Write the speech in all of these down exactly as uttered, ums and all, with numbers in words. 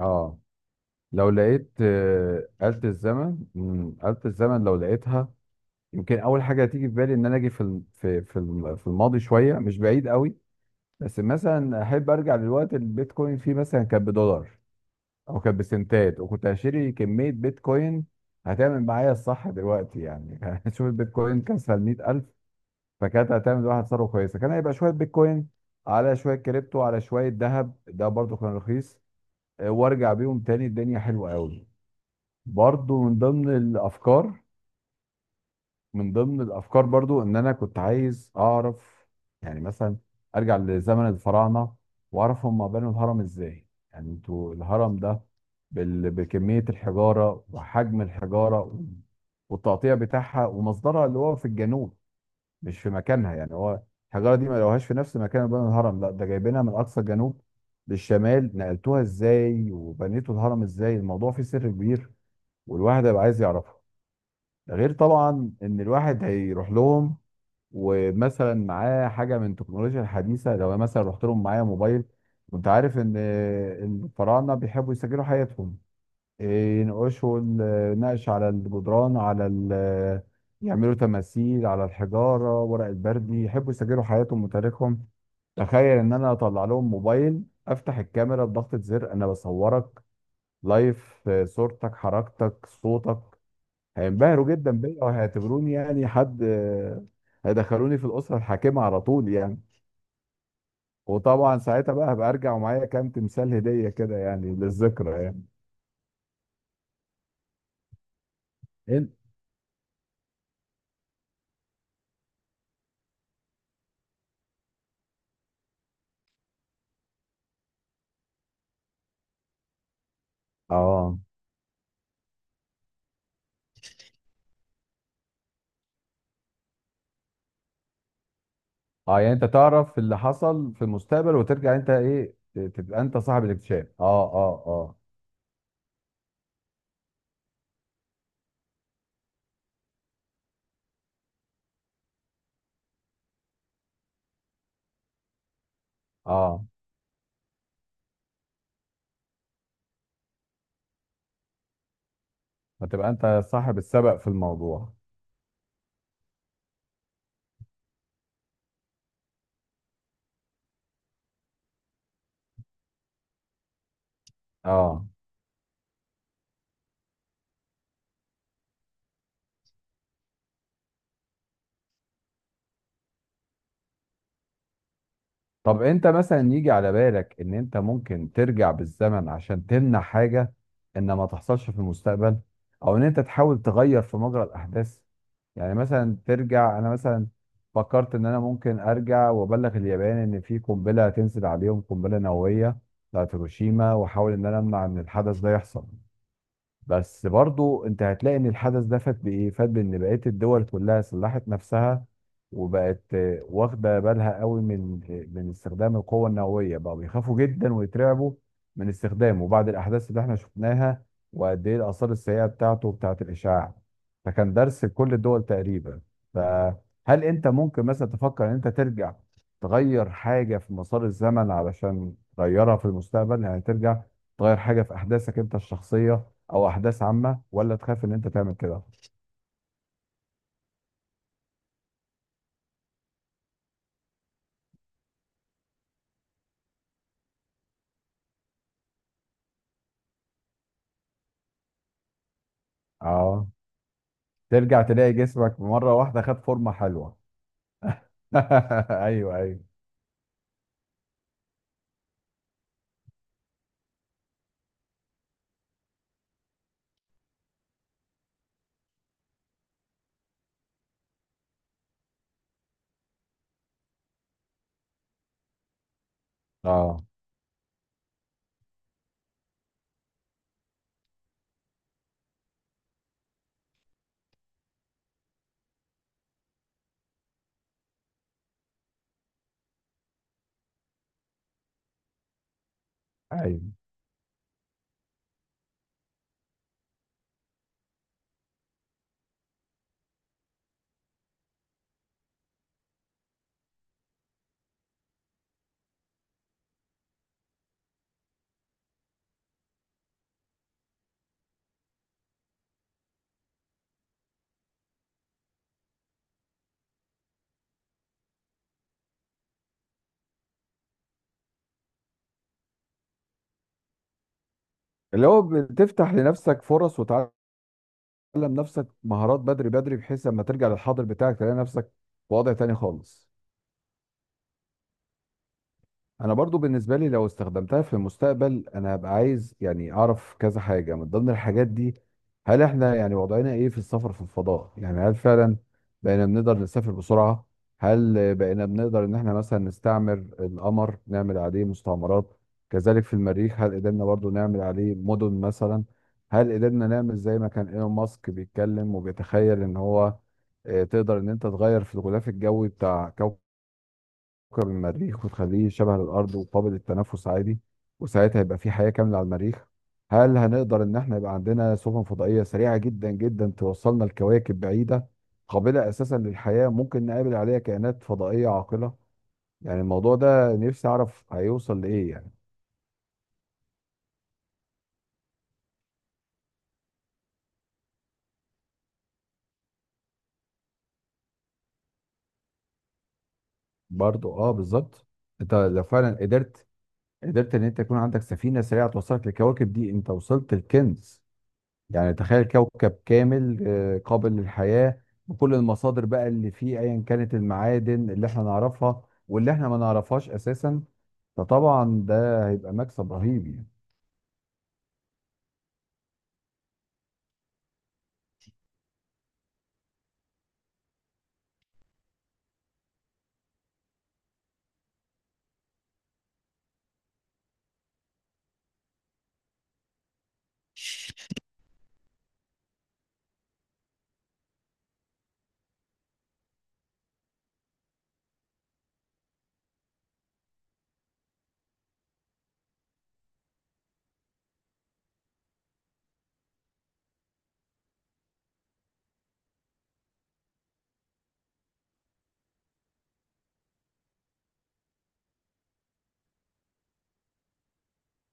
اه. لو لقيت آه، آلة الزمن، مم، آلة الزمن لو لقيتها يمكن أول حاجة هتيجي في بالي إن أنا أجي في ال- في في الم- في الماضي شوية، مش بعيد قوي. بس مثلا أحب أرجع للوقت اللي البيتكوين فيه مثلا كان بدولار أو كان بسنتات، وكنت هشتري كمية بيتكوين هتعمل معايا الصح دلوقتي يعني. شوف البيتكوين كان سال مية ألف، فكانت هتعمل واحد ثروة كويسة. كان هيبقى شوية بيتكوين على شوية كريبتو على شوية ذهب، ده برضو كان رخيص. آه، وارجع بيهم تاني، الدنيا حلوة قوي. برضو من ضمن الافكار. من ضمن الافكار برضو ان انا كنت عايز اعرف يعني مثلا ارجع لزمن الفراعنه واعرف هم بنوا الهرم ازاي. يعني انتوا الهرم ده بال- بكميه الحجاره وحجم الحجاره والتقطيع بتاعها ومصدرها اللي هو في الجنوب، مش في مكانها. يعني هو الحجاره دي ما لقوهاش في نفس مكان بنوا الهرم، لا ده جايبينها من اقصى الجنوب للشمال. نقلتوها ازاي وبنيتوا الهرم ازاي؟ الموضوع فيه سر كبير والواحد هيبقى عايز يعرفه. ده غير طبعا ان الواحد هيروح لهم ومثلا معاه حاجه من التكنولوجيا الحديثه. لو أنا مثلا رحت لهم معايا موبايل، وانت عارف ان الفراعنه بيحبوا يسجلوا حياتهم، إيه، ينقشوا ال- نقش على الجدران، على ال- يعملوا تماثيل على الحجاره، ورق البردي، يحبوا يسجلوا حياتهم وتاريخهم. تخيل ان انا اطلع لهم موبايل افتح الكاميرا، بضغطه زر انا بصورك لايف، صورتك حركتك صوتك. هينبهروا جدا بيا وهيعتبروني يعني حد آه، هيدخلوني في الأسرة الحاكمة على طول يعني. وطبعا ساعتها بقى هبقى ارجع ومعايا كام تمثال هدية كده، يعني للذكرى يعني. انت اه. اه، يعني انت تعرف اللي حصل في المستقبل وترجع انت ايه، ت- تبقى انت صاحب الاكتشاف. اه اه اه اه، هتبقى انت صاحب السبق في الموضوع. اه. طب انت مثلا يجي على بالك ان انت ممكن ترجع بالزمن عشان تمنع حاجة ان ما تحصلش في المستقبل، او ان انت تحاول تغير في مجرى الاحداث؟ يعني مثلا ترجع، انا مثلا فكرت ان انا ممكن ارجع وابلغ اليابان ان في قنبلة هتنزل عليهم، قنبلة نووية بتاعت هيروشيما، واحاول ان انا امنع ان الحدث ده يحصل. بس برضو انت هتلاقي ان الحدث ده فات. بايه فات؟ بان بقيه الدول كلها سلحت نفسها وبقت آه، واخده بالها قوي من آه، من استخدام القوه النوويه، بقوا بيخافوا جدا ويترعبوا من استخدامه بعد الاحداث اللي احنا شفناها وقد ايه الاثار السيئه بتاعته وبتاعت الاشعاع. فكان درس لكل الدول تقريبا. فهل انت ممكن مثلا تفكر ان انت ترجع تغير حاجه في مسار الزمن علشان تغيرها في المستقبل؟ يعني ترجع تغير حاجه في احداثك انت الشخصيه او احداث عامه، ولا تخاف ان انت تعمل كده؟ اه. ترجع تلاقي جسمك مره واحده خد فورمه حلوه. ايوه ايوه اه. ايوه. اللي هو بتفتح لنفسك فرص وتعلم نفسك مهارات بدري بدري، بحيث لما ترجع للحاضر بتاعك تلاقي نفسك في وضع تاني خالص. انا برضو بالنسبه لي لو استخدمتها في المستقبل انا هبقى عايز يعني اعرف كذا حاجه من ضمن الحاجات دي. هل احنا يعني وضعنا ايه في السفر في الفضاء؟ يعني هل فعلا بقينا بنقدر نسافر بسرعه؟ هل بقينا بنقدر ان احنا مثلا نستعمر القمر نعمل عليه مستعمرات؟ كذلك في المريخ، هل قدرنا برضو نعمل عليه مدن مثلا؟ هل قدرنا نعمل زي ما كان ايلون ماسك بيتكلم وبيتخيل ان هو آه، تقدر ان انت تغير في الغلاف الجوي بتاع كوكب، كوكب المريخ وتخليه شبه الأرض وقابل للتنفس عادي، وساعتها يبقى في حياة كاملة على المريخ؟ هل هنقدر إن احنا يبقى عندنا سفن فضائية سريعة جدا جدا توصلنا لكواكب بعيدة قابلة أساسا للحياة، ممكن نقابل عليها كائنات فضائية عاقلة؟ يعني الموضوع ده نفسي أعرف هيوصل لإيه يعني. برضو اه، بالظبط. انت لو فعلا قدرت، قدرت ان انت يكون عندك سفينه سريعه توصلك للكواكب دي، انت وصلت الكنز. يعني تخيل كوكب كامل آه، قابل للحياة بكل المصادر بقى اللي فيه، ايا كانت المعادن اللي احنا نعرفها واللي احنا ما نعرفهاش اساسا. فطبعا ده هيبقى مكسب رهيب يعني.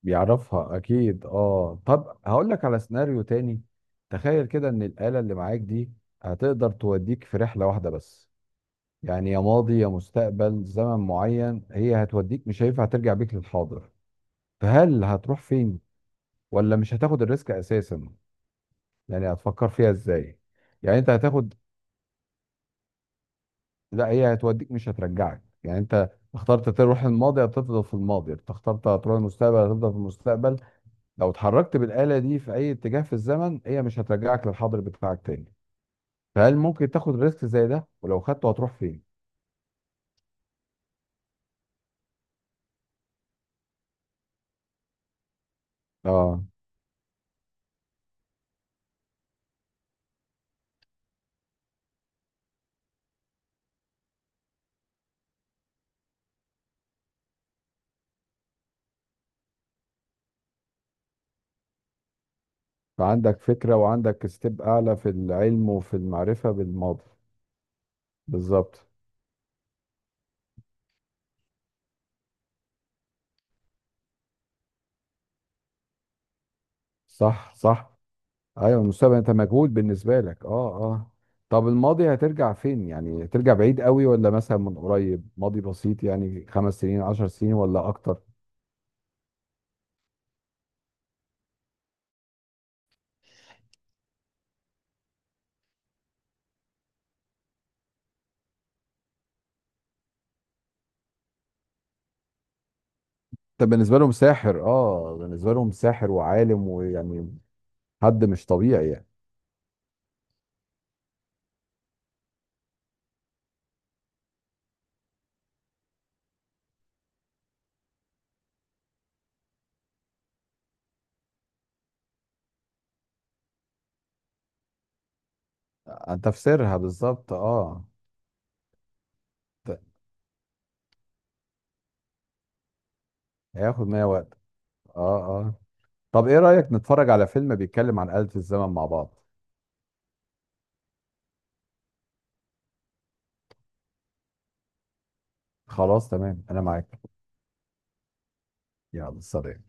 بيعرفها اكيد. اه، طب هقول لك على سيناريو تاني. تخيل كده ان الآلة اللي معاك دي هتقدر توديك في رحلة واحدة بس، يعني يا ماضي يا مستقبل، زمن معين هي هتوديك، مش هينفع ترجع بيك للحاضر. فهل هتروح فين، ولا مش هتاخد الريسك اساسا؟ يعني هتفكر فيها ازاي؟ يعني انت هتاخد، لا هي هتوديك مش هترجعك. يعني انت اخترت تروح الماضي هتفضل في الماضي، انت اخترت هتروح المستقبل هتفضل في المستقبل. لو اتحركت بالآلة دي في اي اتجاه في الزمن، هي مش هترجعك للحاضر بتاعك تاني. فهل ممكن تاخد ريسك زي ده، ولو خدته هتروح فين؟ اه، فعندك فكرة وعندك ستيب اعلى في العلم وفي المعرفة بالماضي. بالظبط. صح صح. ايوه، المستقبل انت مجهول بالنسبه لك. اه. اه. طب الماضي هترجع فين؟ يعني هترجع بعيد قوي ولا مثلا من قريب، ماضي بسيط يعني خمس سنين عشر سنين ولا اكتر؟ طب بالنسبه لهم ساحر. اه، بالنسبه لهم ساحر وعالم ويعني حد مش طبيعي يعني. انت في سرها بالظبط. اه. ت- هياخد معايا وقت. اه اه. طب ايه رايك نتفرج على فيلم بيتكلم عن آلة الزمن مع بعض؟ خلاص تمام انا معاك. يلا سلام.